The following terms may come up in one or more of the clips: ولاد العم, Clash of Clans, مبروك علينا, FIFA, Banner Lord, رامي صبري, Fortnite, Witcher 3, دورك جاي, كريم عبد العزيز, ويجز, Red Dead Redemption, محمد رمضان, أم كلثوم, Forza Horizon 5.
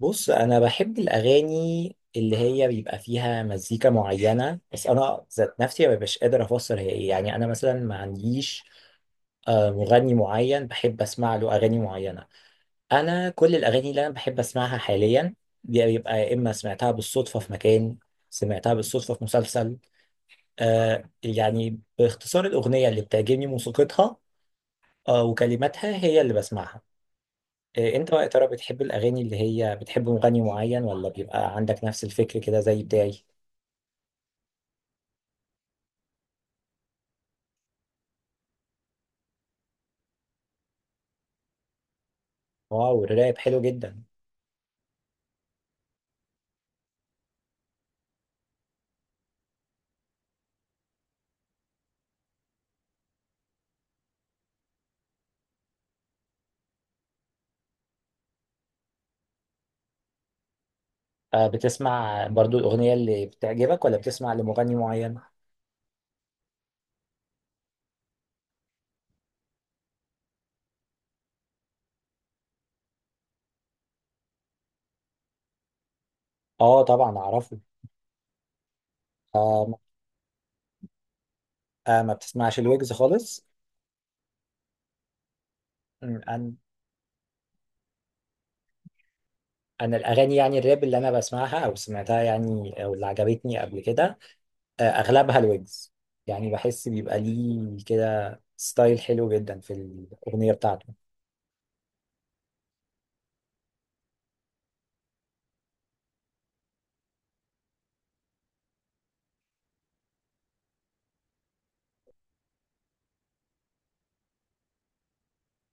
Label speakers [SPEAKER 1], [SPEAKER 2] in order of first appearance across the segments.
[SPEAKER 1] بص، انا بحب الاغاني اللي هي بيبقى فيها مزيكا معينه، بس انا ذات نفسي ما ببقاش قادر افسر هي ايه. يعني انا مثلا ما عنديش مغني معين بحب اسمع له اغاني معينه. انا كل الاغاني اللي انا بحب اسمعها حاليا دي بيبقى يا اما سمعتها بالصدفه في مكان، سمعتها بالصدفه في مسلسل. يعني باختصار الاغنيه اللي بتعجبني موسيقتها وكلماتها هي اللي بسمعها. انت بقى يا ترى بتحب الاغاني اللي هي بتحب مغني معين، ولا بيبقى عندك نفس الفكر كده زي بتاعي؟ واو، الراب حلو جدا. بتسمع برضو الاغنيه اللي بتعجبك، ولا بتسمع لمغني معين؟ اه طبعا اعرفه. آه. ما بتسمعش الويجز خالص؟ انا انا الاغاني، يعني الراب اللي انا بسمعها او سمعتها يعني، او اللي عجبتني قبل كده، اغلبها الويجز. يعني بحس بيبقى ليه كده ستايل حلو جدا في الاغنيه بتاعته.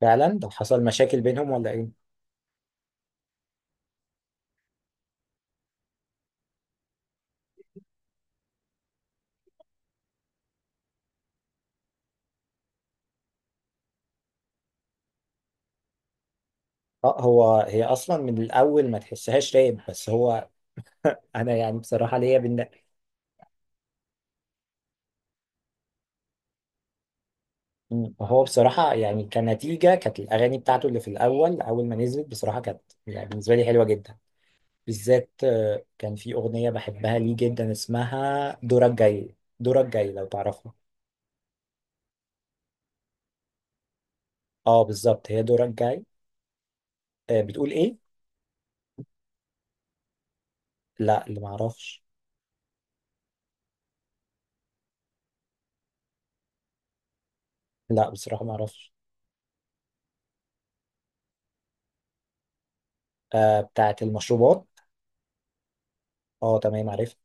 [SPEAKER 1] فعلا ده حصل مشاكل بينهم ولا ايه؟ اه، هو هي اصلا من الاول ما تحسهاش رايب، بس هو انا يعني بصراحه ليا مم. هو بصراحه يعني كنتيجه كانت الاغاني بتاعته اللي في الاول اول ما نزلت بصراحه كانت، يعني بالنسبه لي، حلوه جدا. بالذات كان في اغنيه بحبها ليه جدا اسمها دورك جاي. دورك جاي لو تعرفها. اه بالظبط، هي دورك جاي. بتقول ايه؟ لا، اللي ما اعرفش. لا بصراحه ما اعرفش. آه، بتاعت المشروبات. اه تمام، عرفت.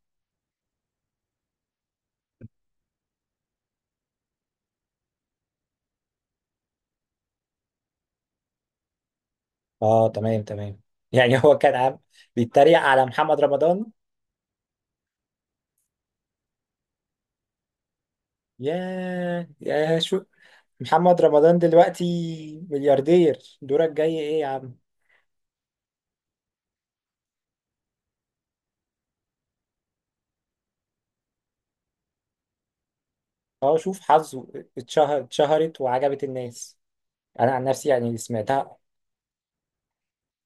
[SPEAKER 1] اه تمام تمام. يعني هو كان عم بيتريق على محمد رمضان. ياه ياه شو. محمد رمضان دلوقتي ملياردير، دورك جاي ايه يا عم! اه شوف حظه. اتشهر، اتشهرت وعجبت الناس. انا عن نفسي يعني سمعتها.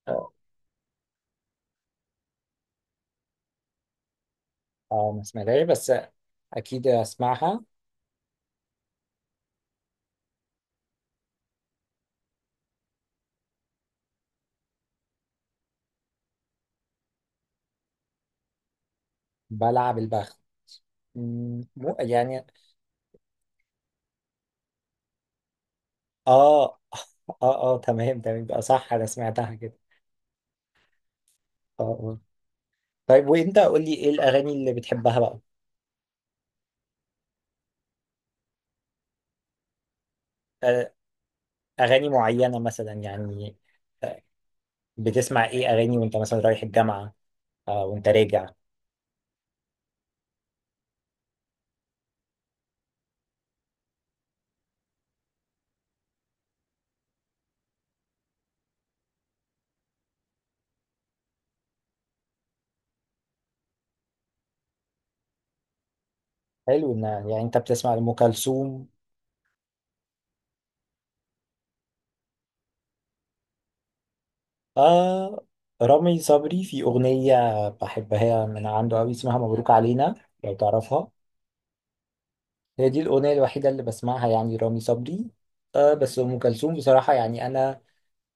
[SPEAKER 1] اه. ما سمعتهاش بس اكيد اسمعها. بلعب البخت. مو يعني. اه اه اه. تمام تمام، يبقى صح انا سمعتها كده. اه اه. طيب وانت قول لي ايه الاغاني اللي بتحبها بقى؟ آه، اغاني معينة مثلا يعني؟ آه، بتسمع ايه اغاني وانت مثلا رايح الجامعة؟ آه وانت راجع؟ حلو ان يعني انت بتسمع لأم كلثوم. آه. رامي صبري في أغنية بحبها من عنده أوي، اسمها مبروك علينا، لو تعرفها. هي دي الأغنية الوحيدة اللي بسمعها يعني رامي صبري. آه بس أم كلثوم بصراحة يعني أنا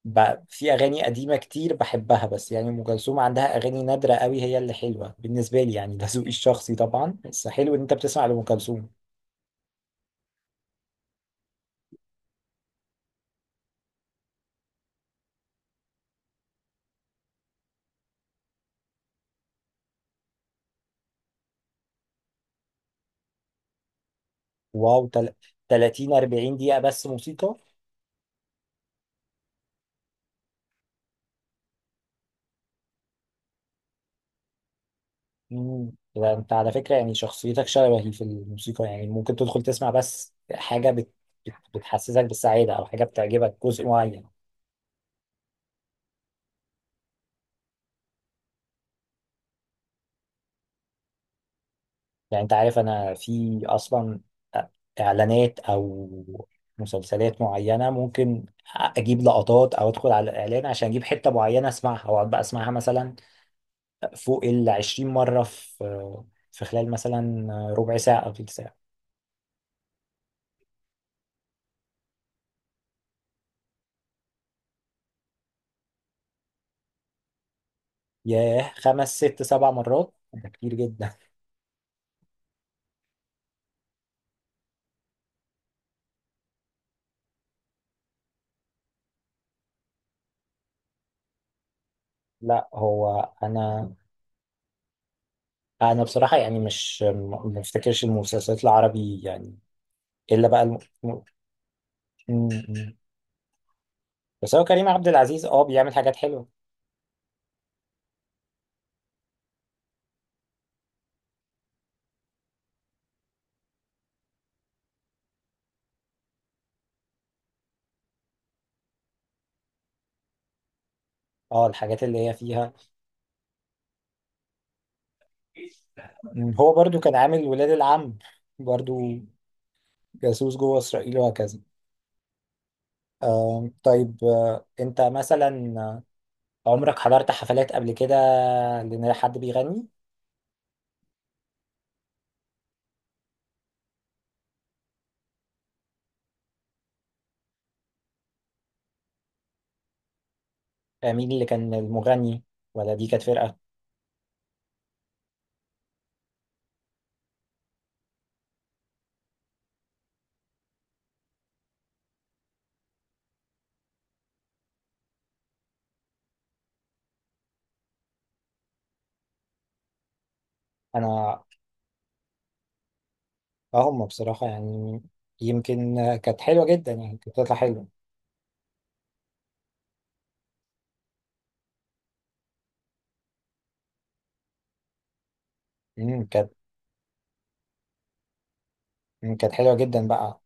[SPEAKER 1] في أغاني قديمة كتير بحبها، بس يعني أم كلثوم عندها أغاني نادرة أوي هي اللي حلوة بالنسبة لي. يعني ده ذوقي الشخصي طبعا، بس حلو إن أنت بتسمع لأم كلثوم. واو 30 40 دقيقة بس موسيقى؟ مم. يبقى انت على فكرة يعني شخصيتك شبهي في الموسيقى، يعني ممكن تدخل تسمع بس حاجة بتحسسك بالسعادة، او حاجة بتعجبك جزء معين. يعني انت عارف انا في اصلا اعلانات او مسلسلات معينة ممكن اجيب لقطات او ادخل على الاعلان عشان اجيب حتة معينة اسمعها، واقعد بقى اسمعها مثلا فوق ال 20 مرة في خلال مثلا ربع ساعة او تلت ساعة. ياه، خمس ست سبع مرات ده كتير جدا. لا هو انا انا بصراحه يعني مش ما افتكرش المسلسلات العربي يعني، الا بقى م- بس هو كريم عبد العزيز اه بيعمل حاجات حلوه. اه الحاجات اللي هي فيها. م، هو برضو كان عامل ولاد العم برضو، جاسوس جوه اسرائيل وهكذا. طيب، انت مثلا عمرك حضرت حفلات قبل كده لان حد بيغني؟ مين اللي كان المغني، ولا دي كانت فرقه؟ انا اه، هم بصراحه يعني يمكن كانت حلوه جدا يعني، كانت بتطلع حلوه. مم، كانت مم، كانت حلوة جدا بقى.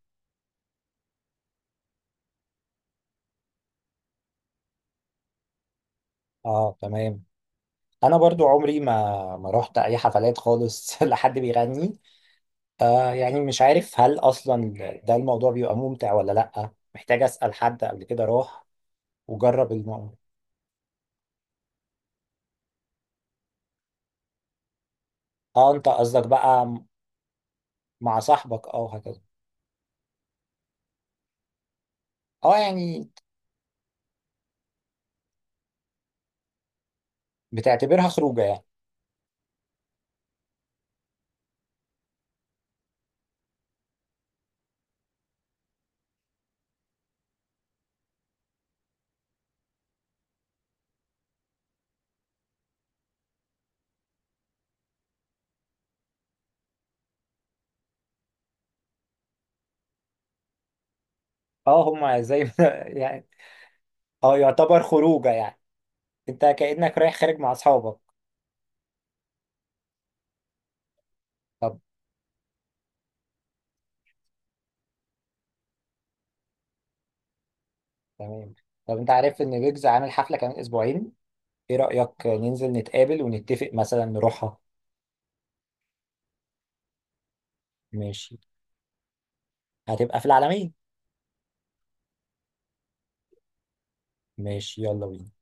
[SPEAKER 1] اه تمام. انا برضو عمري ما ما رحت اي حفلات خالص لحد بيغني. آه يعني مش عارف هل اصلا ده الموضوع بيبقى ممتع ولا لا، محتاج اسأل حد قبل كده راح وجرب الموضوع. اه انت قصدك بقى مع صاحبك اه هكذا. اه يعني بتعتبرها خروجه يعني. اه هما زي يعني اه يعتبر خروجه يعني، انت كأنك رايح خارج مع اصحابك. طب تمام. طب انت عارف ان ويجز عامل حفلة كمان اسبوعين؟ ايه رأيك ننزل نتقابل ونتفق مثلا نروحها؟ ماشي، هتبقى في العالمين. ماشي، يلا بينا.